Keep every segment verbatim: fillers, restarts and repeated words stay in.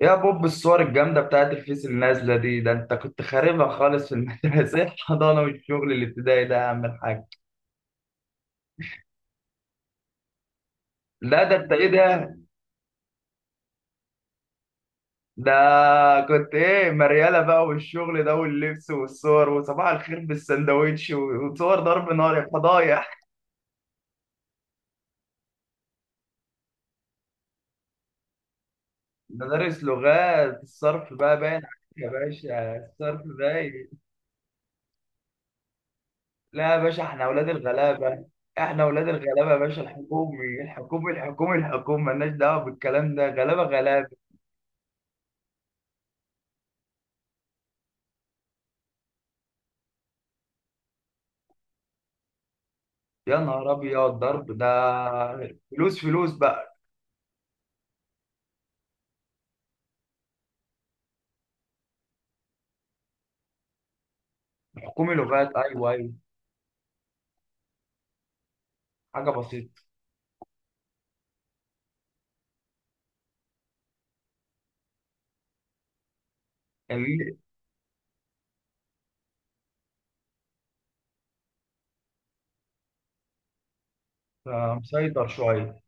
يا بوب الصور الجامدة بتاعت الفيس النازلة دي، ده انت كنت خاربها خالص في المدرسة الحضانة والشغل الابتدائي ده يا عم الحاج. لا ده انت ايه ده؟ ده كنت ايه مريالة بقى والشغل ده واللبس والصور وصباح الخير بالسندوتش و- وصور ضرب نار يا فضايح. مدارس لغات الصرف بقى باين عليك. يا باشا الصرف باين. لا يا باشا احنا اولاد الغلابة. احنا اولاد الغلابة يا باشا، الحكومي الحكومي الحكومي الحكومي مالناش دعوة بالكلام ده، غلابة غلابة. يا نهار ابيض ضرب ده. فلوس فلوس بقى. حكومي لغات، ايوه ايوه. حاجه بسيطه. اللي آه، مسيطر شويه.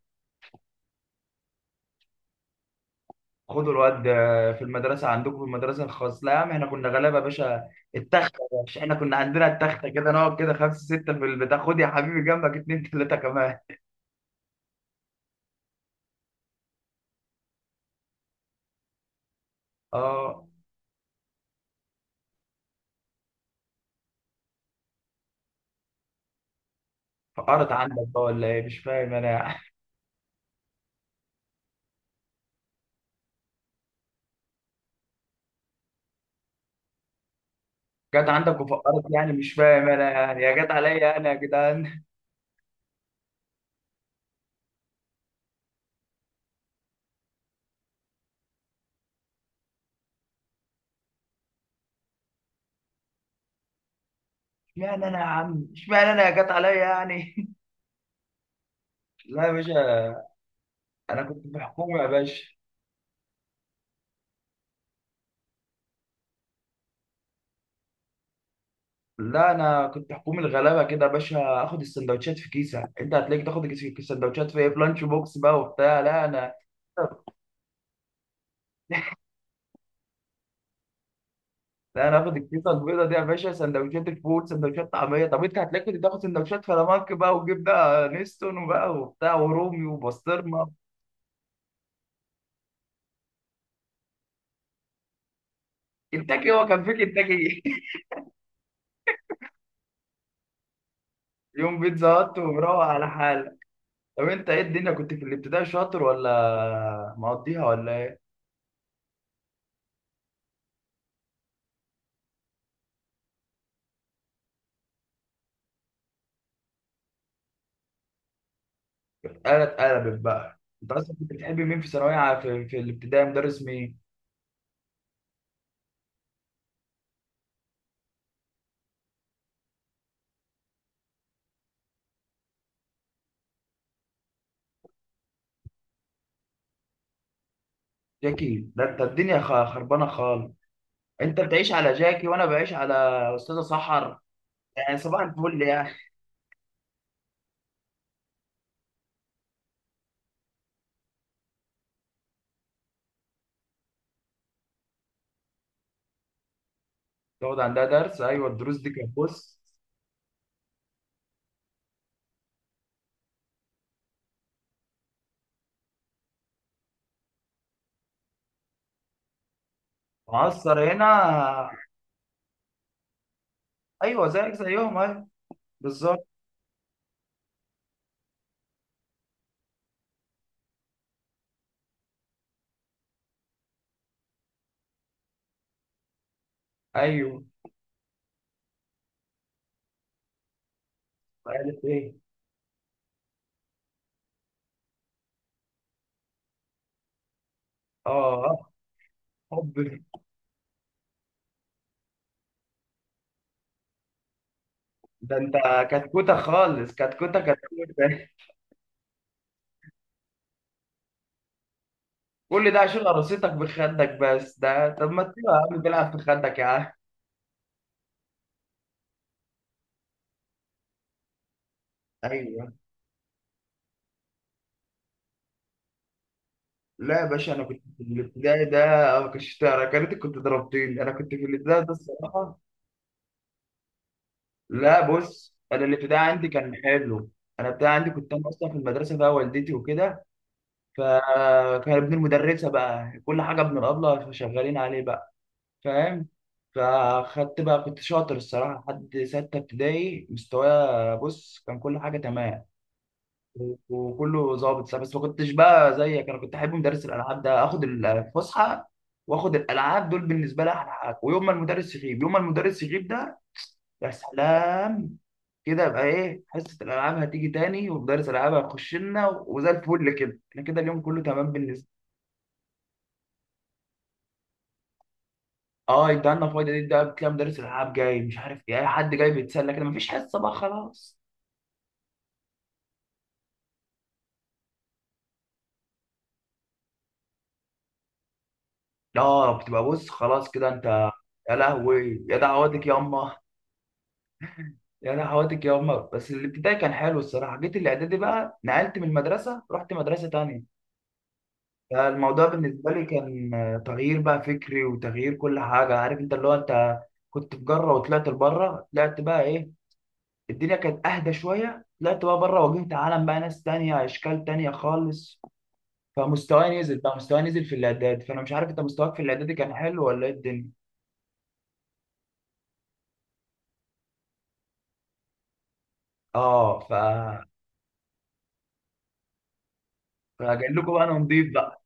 خدوا الواد آه، في المدرسه عندكم في المدرسه الخاص، لا يا عم احنا كنا غلابه يا باشا. التخته يا باشا، احنا كنا عندنا التخته كده، نقعد كده خمسه سته في البتاع، خد يا حبيبي جنبك اتنين تلاته كمان. اه فقرت عندك بقى ولا ايه؟ مش فاهم انا. جت عندك وفقرت يعني؟ مش فاهم انا يعني، يا جت عليا انا يا جدعان. اشمعنى انا يا عم، اشمعنى انا يا جت عليا يعني. لا يا باشا انا كنت في حكومه يا باشا. لا انا كنت حكومه الغلابه كده يا باشا، اخد السندوتشات في كيسه، انت هتلاقيك تاخد الكيس- السندوتشات في ايه، في لانش بوكس بقى وبتاع. لا انا لا انا اخد الكيسه البيضه دي يا باشا، سندوتشات الفول سندوتشات طعميه، طب انت هتلاقيك كنت تاخد سندوتشات فلامنك بقى وجبنه نستون وبقى وبتاع ورومي وبسطرمه. كنتاكي؟ هو كان في كنتاكي؟ يوم بيتزا هات ومروق على حالك. طب انت ايه الدنيا، كنت في الابتدائي شاطر ولا مقضيها ولا؟ انا اتقلبت بقى، انت اصلا كنت بتحب مين في ثانويه عا-، في, في الابتدائي مدرس مين؟ جاكي؟ ده انت الدنيا خ- خربانه خالص. انت بتعيش على جاكي وانا بعيش على استاذه سحر. يعني صباح الفل يعني. تقعد عندها درس، ايوه الدروس دي كانت بص. معصر هنا. ايوه زيك زيهم ايوه. بالظبط. ايوه. قالت ايه؟ اه. حب. ده انت كتكوته خالص، كتكوته كتكوته. كل ده عشان قراصتك بخدك بس ده؟ طب ما تسيبها يا عم تلعب في خدك يا عم. ايوه. لا يا باشا انا كنت في الابتدائي ده. ما كنتش تعرف-، يا ريت كنت ضربتني، انا كنت في الابتدائي ده الصراحه. لا بص انا الابتدائي عندي كان حلو. انا الابتدائي عندي كنت انا اصلا في المدرسه بقى والدتي وكده. فكان ابن المدرسه بقى كل حاجه، ابن الابله شغالين عليه بقى. فاهم. فخدت بقى، كنت شاطر الصراحه لحد سته ابتدائي، مستوايا بص كان كل حاجه تمام. وكله ظابط، لا، بس ما كنتش بقى زيك. انا كنت احب مدرس الالعاب ده اخد الفسحه، واخد الالعاب دول بالنسبه لي احلى حاجه، ويوم ما المدرس يغيب، يوم ما المدرس يغيب ده يا سلام. كده يبقى ايه، حصه الالعاب هتيجي تاني ومدرس الالعاب هيخش لنا وزي الفل كده، احنا كده اليوم كله تمام بالنسبه. اه انت عندنا فايده دي، ده بتلاقي مدرس الالعاب جاي، مش عارف ايه، اي حد جاي بيتسلى كده، مفيش حصه بقى خلاص. لا بتبقى بص خلاص كده انت. يا لهوي يا دعواتك يا امه. يعني حوادث الجوامع. بس الابتدائي كان حلو الصراحه. جيت الاعدادي بقى، نقلت من المدرسه رحت مدرسه تانية، فالموضوع بالنسبه لي كان آه، تغيير بقى فكري وتغيير كل حاجه. عارف انت اللي هو انت كنت في جره وطلعت لبره. طلعت بقى ايه، الدنيا كانت اهدى شويه، طلعت بقى بره، واجهت عالم بقى، ناس تانية اشكال تانية خالص. فمستواي نزل بقى، مستواي نزل في الاعداد. فانا مش عارف انت مستواك في الاعدادي كان حلو ولا ايه الدنيا. اه ف. فجاي لكم بقى انا نضيف بقى.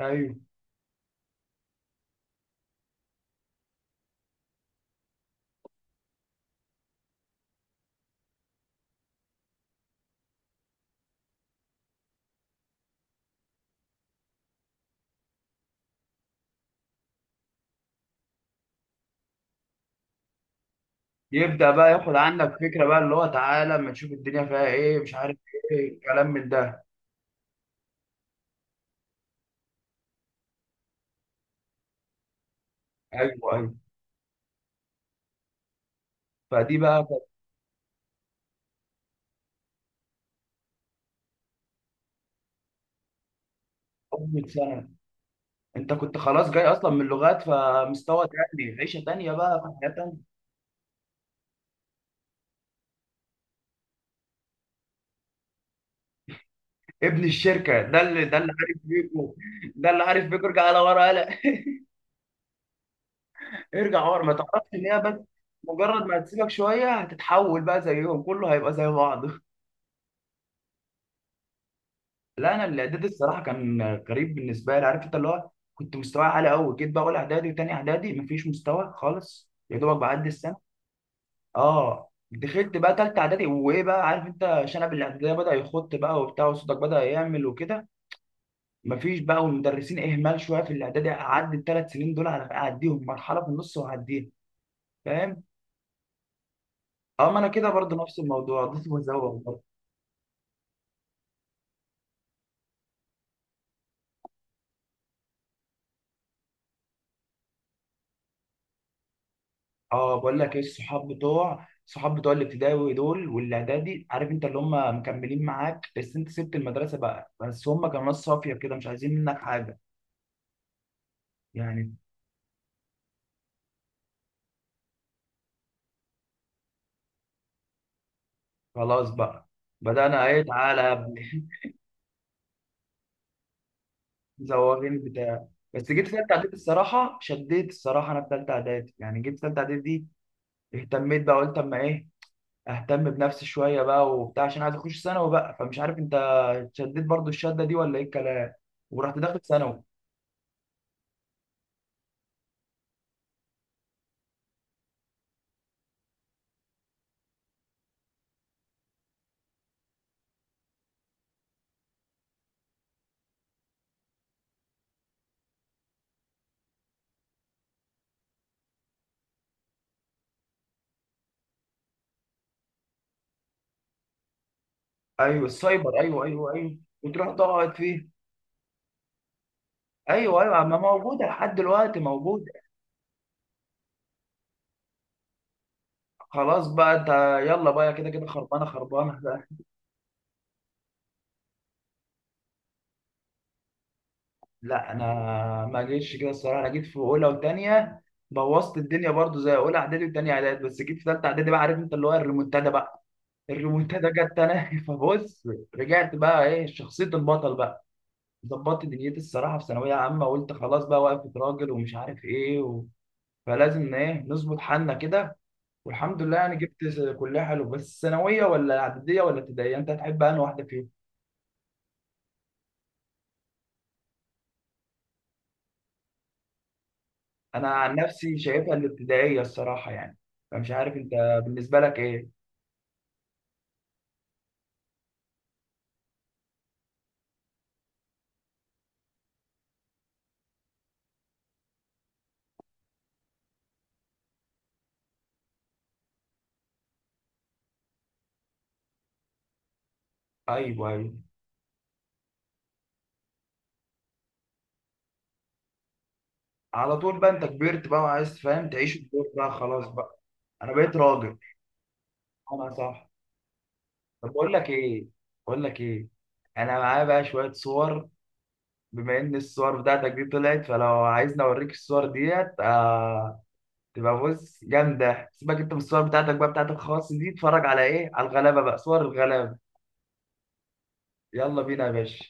ايوه يبدأ بقى ياخد عنك فكرة بقى، اللي هو تعالى اما نشوف الدنيا فيها ايه، مش عارف ايه، كلام من ده. ايوه ايوه. فدي بقى كانت أول سنة. انت كنت خلاص جاي اصلا من لغات، فمستوى تاني، عيشة تانية بقى، في حياة تانية. ابن الشركة ده، اللي ده اللي عارف بيكو. ده اللي عارف بيكو، ارجع على ورا قلق. ارجع ورا، ما تعرفش ان هي بس. مجرد ما هتسيبك شوية هتتحول بقى زيهم، كله هيبقى زي بعض. لا انا الاعدادي الصراحه كان غريب بالنسبه لي. عارف انت اللي هو كنت مستواي عالي قوي، جيت بقى اول اعدادي وتاني اعدادي مفيش مستوى خالص، يا دوبك بعدي السنه. اه دخلت بقى تالتة اعدادي، وايه بقى، عارف انت شنب الاعداديه بدا يخط بقى وبتاع، وصوتك بدا يعمل وكده. مفيش بقى، والمدرسين اهمال شويه في الاعدادي، اعدي الثلاث سنين دول على اعديهم، مرحله في النص واعديها. فاهم. اما انا كده برضه نفس الموضوع، ضيف وزوغ. اه بقول لك ايه، الصحاب بتوع، صحاب بتوع الابتدائي دول والاعدادي، عارف انت اللي هم مكملين معاك بس انت سبت المدرسه بقى، بس هم كانوا ناس صافيه كده مش عايزين منك حاجه يعني. خلاص بقى. بدأنا ايه، تعالى يا ابني. زوغين بتاع. بس جيت في ثالثه اعدادي الصراحه شديت الصراحه، انا في ثالثه اعدادي يعني، جيت في ثالثه اعدادي دي اهتميت بقى، قلت اما ايه اهتم بنفسي شويه بقى وبتاع، عشان عايز اخش ثانوي بقى، فمش عارف انت شديت برضو الشده دي ولا ايه الكلام. ورحت داخل ثانوي. ايوه السايبر ايوه ايوه ايوه. وتروح تقعد فيه. ايوه ايوه، ما موجوده لحد دلوقتي موجوده. خلاص بقى انت. يلا بقى كده كده خربانه خربانه بقى. لا انا ما جيتش كده الصراحه، انا جيت في اولى وثانيه بوظت الدنيا برضو زي اولى اعدادي وثانيه اعدادي، بس جيت في ثالثه اعدادي بقى عارف انت اللي هو الريمونتادا بقى. الريمونتادا جت انا. فبص رجعت بقى ايه شخصيه البطل بقى. ظبطت دنيتي الصراحه في ثانويه عامه، قلت خلاص بقى وقفت راجل ومش عارف ايه و... فلازم ايه نظبط حالنا كده. والحمد لله يعني جبت. كلها حلو، بس ثانويه ولا اعداديه ولا ابتدائيه، انت هتحب انهي واحده فيهم؟ انا عن نفسي شايفها الابتدائيه الصراحه يعني. فمش عارف انت بالنسبه لك ايه. ايوه ايوه. على طول بقى انت كبرت بقى وعايز فاهم تعيش الدور بقى خلاص بقى. انا بقيت راجل. انا صح. طب بقول لك ايه، بقول لك ايه، انا معايا بقى شويه صور، بما ان الصور بتاعتك دي طلعت، فلو عايزني اوريك الصور ديت آه، تبقى بص جامدة. سيبك انت من الصور بتاعتك بقى بتاعت الخاص دي، اتفرج على ايه، على الغلابة بقى، صور الغلابة. يلا بينا يا باشا.